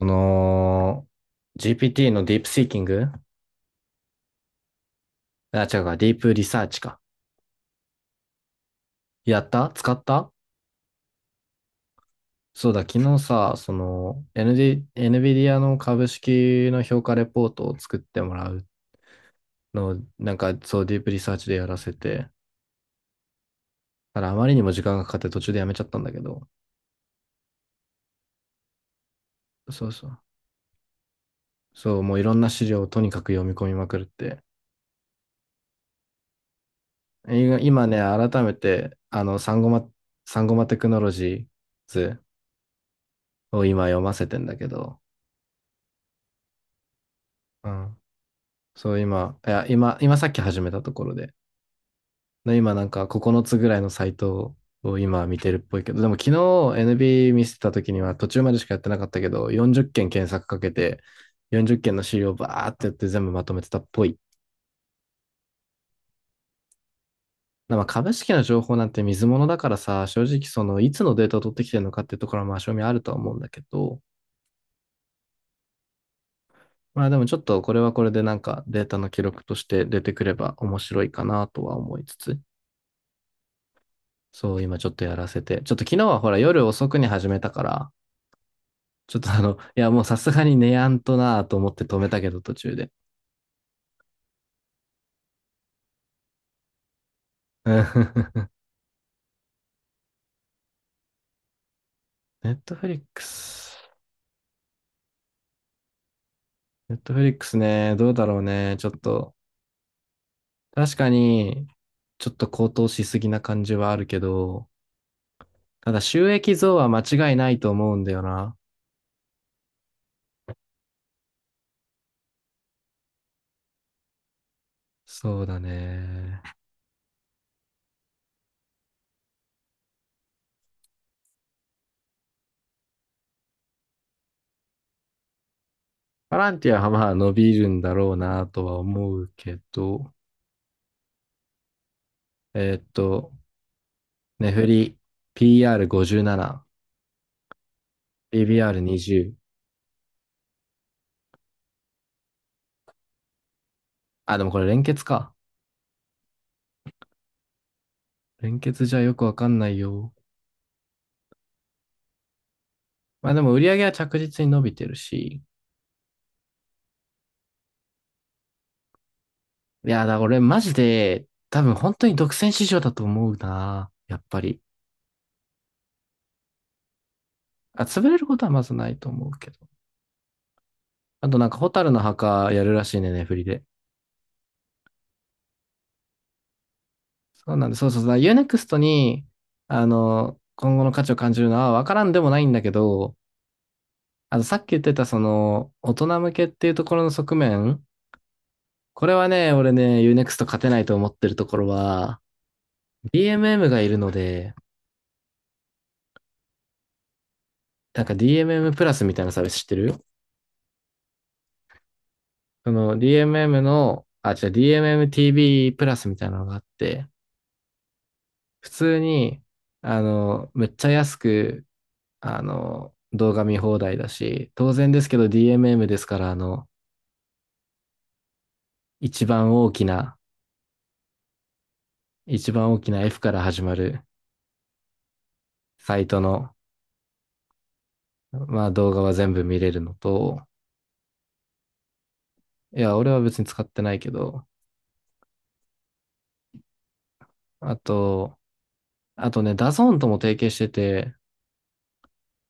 その、GPT のディープシーキング、あ、違うか、ディープリサーチか。やった？使った？そうだ、昨日さ、NVIDIA の株式の評価レポートを作ってもらうのを、なんか、そう、ディープリサーチでやらせて、ただ、あまりにも時間がかかって途中でやめちゃったんだけど、そうそう。そう、もういろんな資料をとにかく読み込みまくるって。今ね、改めて、サンゴマテクノロジーズを今読ませてんだけど、うん、そう、今、いや、今、今さっき始めたところで、で今なんか9つぐらいのサイトを今見てるっぽいけど、でも昨日 NB 見せてた時には途中までしかやってなかったけど、40件検索かけて、40件の資料をバーってやって全部まとめてたっぽい。まあ株式の情報なんて水物だからさ、正直そのいつのデータを取ってきてるのかっていうところはまあ正味あるとは思うんだけど、まあでもちょっとこれはこれでなんかデータの記録として出てくれば面白いかなとは思いつつ。そう、今ちょっとやらせて。ちょっと昨日はほら夜遅くに始めたから、ちょっといやもうさすがに寝やんとなぁと思って止めたけど途中で。うん ネットフリックス。ネットフリックスね、どうだろうね。ちょっと、確かに、ちょっと高騰しすぎな感じはあるけど、ただ収益増は間違いないと思うんだよな。そうだね。パランティアはまあ伸びるんだろうなとは思うけど、えーっと、ネフリ PR57。BBR20。あ、でもこれ連結か。連結じゃよくわかんないよ。まあでも売り上げは着実に伸びてるし。いや、俺マジで、多分本当に独占市場だと思うな。やっぱり。あ、潰れることはまずないと思うけど。あとなんか、ホタルの墓やるらしいね、ねフリで。そうなんで、そうそうそう。ユーネクストに、今後の価値を感じるのはわからんでもないんだけど、さっき言ってたその、大人向けっていうところの側面、これはね、俺ね、u n ク x ト勝てないと思ってるところは、DMM がいるので、なんか DMM プラスみたいなサービス知ってる？その DMM の、あ、違う、DMMTV プラスみたいなのがあって、普通に、めっちゃ安く、動画見放題だし、当然ですけど DMM ですから、一番大きな、一番大きな F から始まるサイトの、まあ動画は全部見れるのと、いや、俺は別に使ってないけど、あと、あとね、ダゾーンとも提携してて、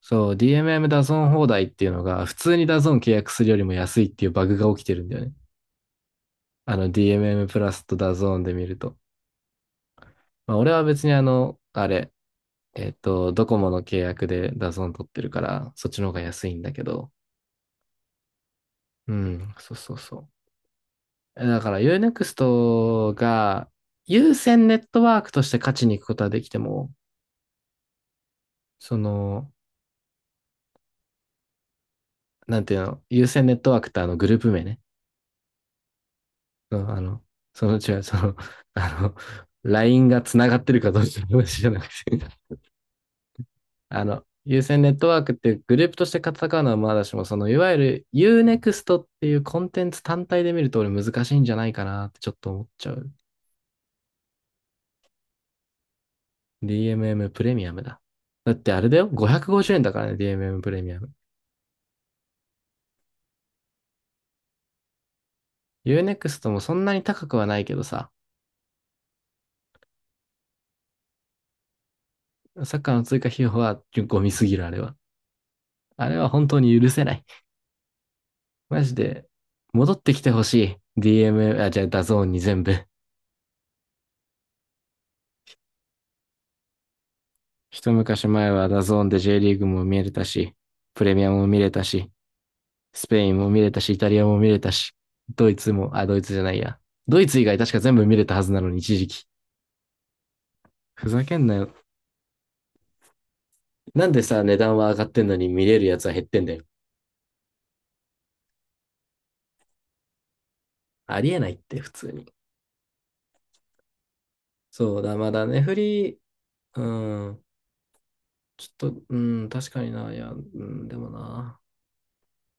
そう、DMM ダゾーン放題っていうのが、普通にダゾーン契約するよりも安いっていうバグが起きてるんだよね。DMM プラスとダゾーンで見ると。まあ、俺は別にあの、あれ、えっと、ドコモの契約でダゾーン取ってるから、そっちの方が安いんだけど。うん、そうそうそう。だから Unext が優先ネットワークとして勝ちに行くことはできても、その、なんていうの、優先ネットワークってあのグループ名ね。そう、違う、あの、LINE が繋がってるかどうかの話じゃなくて、有線ネットワークってグループとして戦うのはまだしも、いわゆる Unext っていうコンテンツ単体で見ると俺難しいんじゃないかなってちょっと思っちゃう。DMM プレミアムだ。だってあれだよ、550円だからね、DMM プレミアム。Unext もそんなに高くはないけどさ、サッカーの追加費用はゴミすぎる、あれは。あれは本当に許せない。マジで、戻ってきてほしい。あ、じゃあ、ダゾーンに全部。一昔前はダゾーンで J リーグも見れたし、プレミアムも見れたし、スペインも見れたし、イタリアも見れたし、ドイツも、あ、ドイツじゃないや。ドイツ以外確か全部見れたはずなのに、一時期。ふざけんなよ。なんでさ、値段は上がってんのに見れるやつは減ってんだよ。ありえないって、普通に。そうだ、まだね、フリー、うん、ちょっと、うん、確かにな、いや、うん、でもな。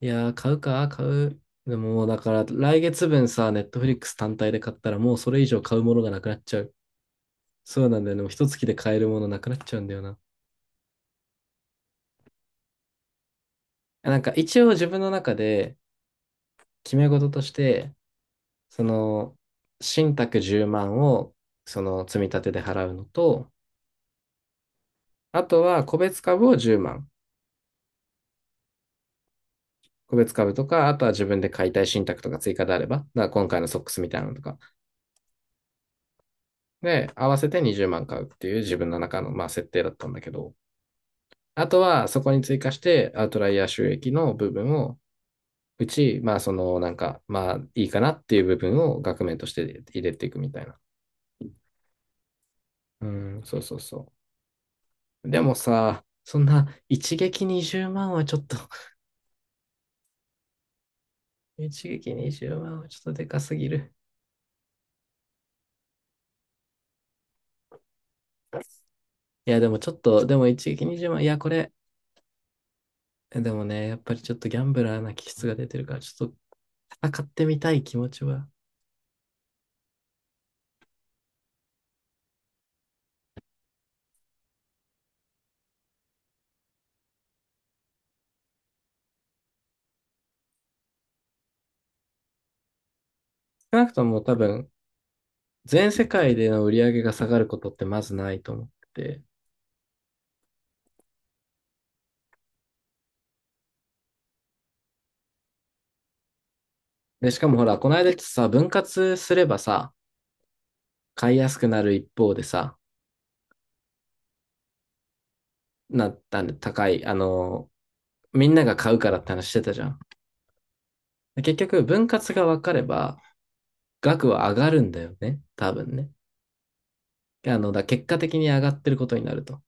いやー、買うか、買う。でももうだから、来月分さ、ネットフリックス単体で買ったら、もうそれ以上買うものがなくなっちゃう。そうなんだよね。もう一月で買えるものなくなっちゃうんだよな。なんか一応自分の中で決め事として、その、信託10万を、積み立てで払うのと、あとは個別株を10万。個別株とか、あとは自分で買いたい信託とか追加であれば、だから今回のソックスみたいなのとか、で、合わせて20万買うっていう自分の中の、まあ、設定だったんだけど、あとは、そこに追加して、アウトライヤー収益の部分を、まあ、なんか、まあ、いいかなっていう部分を額面として入れていくみたいな。うん、そうそうそう。でもさ、そんな、一撃20万はちょっと 一撃20万はちょっとでかすぎる。いや、でもちょっと、でも一撃20万、いや、これ、でもね、やっぱりちょっとギャンブラーな気質が出てるから、ちょっと戦ってみたい気持ちは。少なくとも多分、全世界での売り上げが下がることってまずないと思ってて、で、しかもほら、この間ってさ、分割すればさ、買いやすくなる一方でさ、なったんで高い、みんなが買うからって話してたじゃん。で結局、分割が分かれば、額は上がるんだよね。多分ね。結果的に上がってることになると。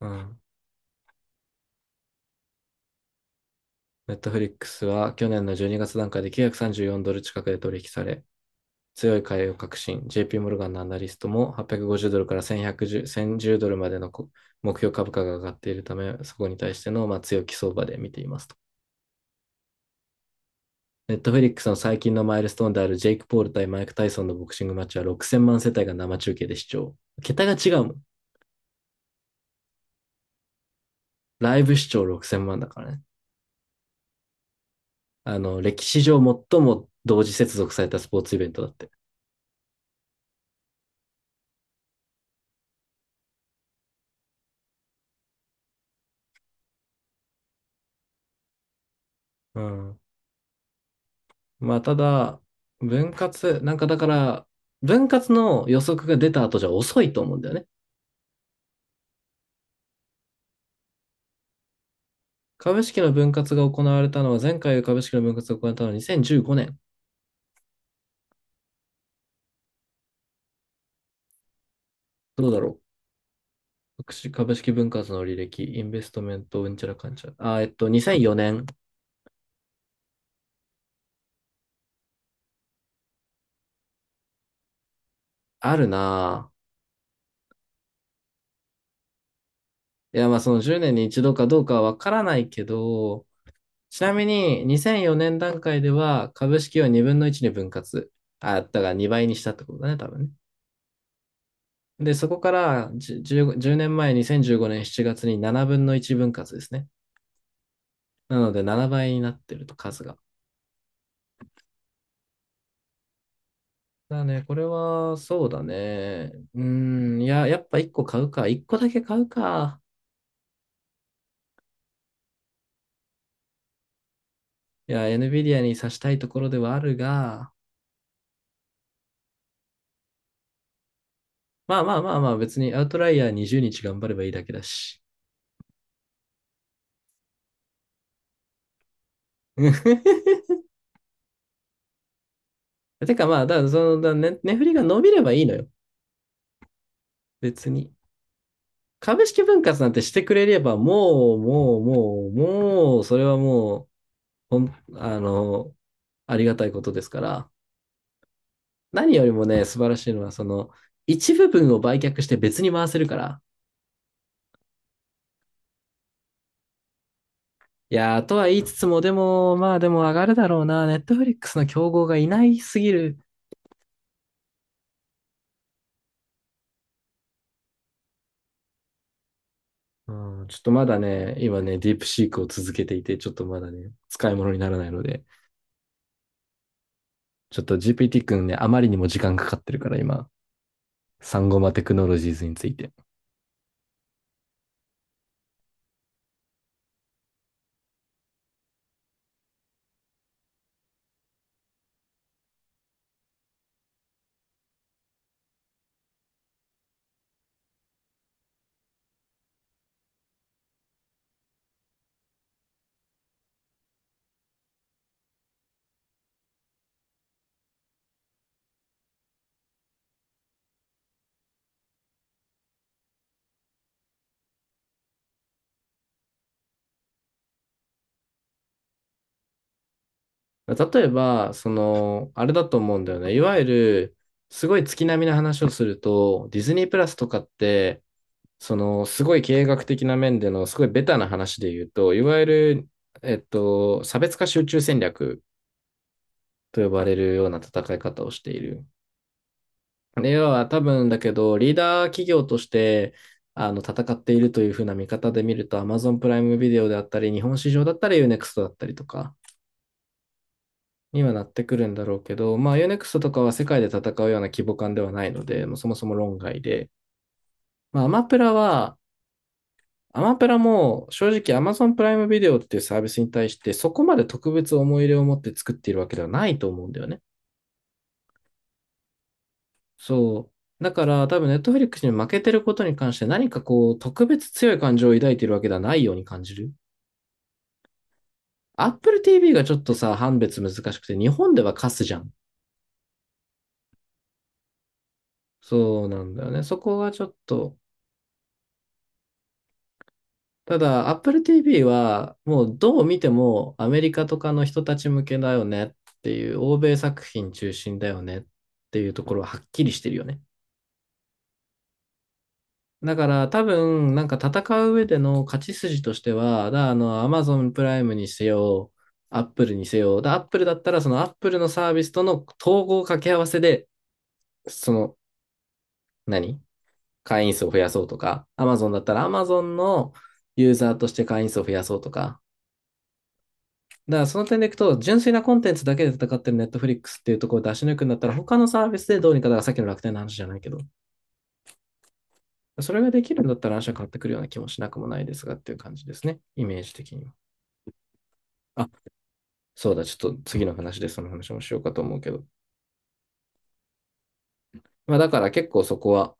うん。ネットフリックスは去年の12月段階で934ドル近くで取引され、強い買いを確信。JP モルガンのアナリストも850ドルから1110 1 0ドルまでの目標株価が上がっているため、そこに対してのまあ強気相場で見ていますと。ネットフェリックスの最近のマイルストーンであるジェイク・ポール対マイク・タイソンのボクシングマッチは6000万世帯が生中継で視聴。桁が違うもん。ライブ視聴6000万だからね。歴史上最も同時接続されたスポーツイベントだって。うん。まあ、ただ、なんかだから、分割の予測が出た後じゃ遅いと思うんだよね。株式の分割が行われたのは、前回株式の分割が行われたのは2015年。どうだろう株式分割の履歴、インベストメント、うんちゃらかんちゃら。あ、2004年。あるなぁ。いや、まあ、その10年に一度かどうかはわからないけど、ちなみに2004年段階では株式を2分の1に分割。あ、だから2倍にしたってことだね、多分ね。で、そこから10年前、2015年7月に7分の1分割ですね。なので7倍になってると数が。だね、これは、そうだね。うーん、いや、やっぱ1個買うか。1個だけ買うか。いや、NVIDIA に刺したいところではあるが、まあまあまあまあ、別にアウトライヤー20日頑張ればいいだけだし。てかまあ、だ、その、だ、ね、値振りが伸びればいいのよ。別に。株式分割なんてしてくれれば、もう、もう、もう、もう、それはもう、ほん、あの、ありがたいことですから。何よりもね、素晴らしいのは、その、一部分を売却して別に回せるから。いやー、とは言いつつも、でも、まあでも上がるだろうな。ネットフリックスの競合がいないすぎる。うん、ちょっとまだね、今ね、ディープシークを続けていて、ちょっとまだね、使い物にならないので、ちょっと GPT 君ね、あまりにも時間かかってるから、今、サンゴマテクノロジーズについて。例えば、その、あれだと思うんだよね。いわゆる、すごい月並みな話をすると、ディズニープラスとかって、その、すごい経営学的な面での、すごいベタな話で言うと、いわゆる、差別化集中戦略と呼ばれるような戦い方をしている。で要は多分だけど、リーダー企業として、あの、戦っているというふうな見方で見ると、Amazon プライムビデオであったり、日本市場だったり、Unext だったりとかにはなってくるんだろうけど、まあ、Unext とかは世界で戦うような規模感ではないので、もうそもそも論外で、まあ、アマプラは、アマプラも正直 Amazon プライムビデオっていうサービスに対してそこまで特別思い入れを持って作っているわけではないと思うんだよね。そう。だから多分 Netflix に負けてることに関して何かこう特別強い感情を抱いているわけではないように感じる。Apple TV がちょっとさ、判別難しくて日本ではカスじゃん。そうなんだよね。そこがちょっとただ、Apple TV は、もうどう見てもアメリカとかの人たち向けだよねっていう、欧米作品中心だよねっていうところははっきりしてるよね。だから多分、なんか戦う上での勝ち筋としては、だからあの、Amazon プライムにせよ、Apple にせよ、Apple だったらその Apple のサービスとの統合掛け合わせで、その、何会員数を増やそうとか、Amazon だったら Amazon のユーザーとして会員数を増やそうとか、だからその点でいくと、純粋なコンテンツだけで戦ってるネットフリックスっていうところを出し抜くんだったら、他のサービスでどうにか、だからさっきの楽天の話じゃないけど、それができるんだったら話は変わってくるような気もしなくもないですがっていう感じですね。イメージ的には。あ、そうだ、ちょっと次の話でその話もしようかと思うけど。まあだから結構そこは、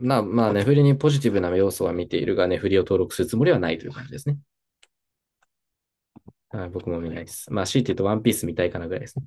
まあ、ネフリにポジティブな要素は見ているが、ネフリを登録するつもりはないという感じですね。ああ僕も見ないです。まあ、強いて言うとワンピース見たいかなぐらいですね。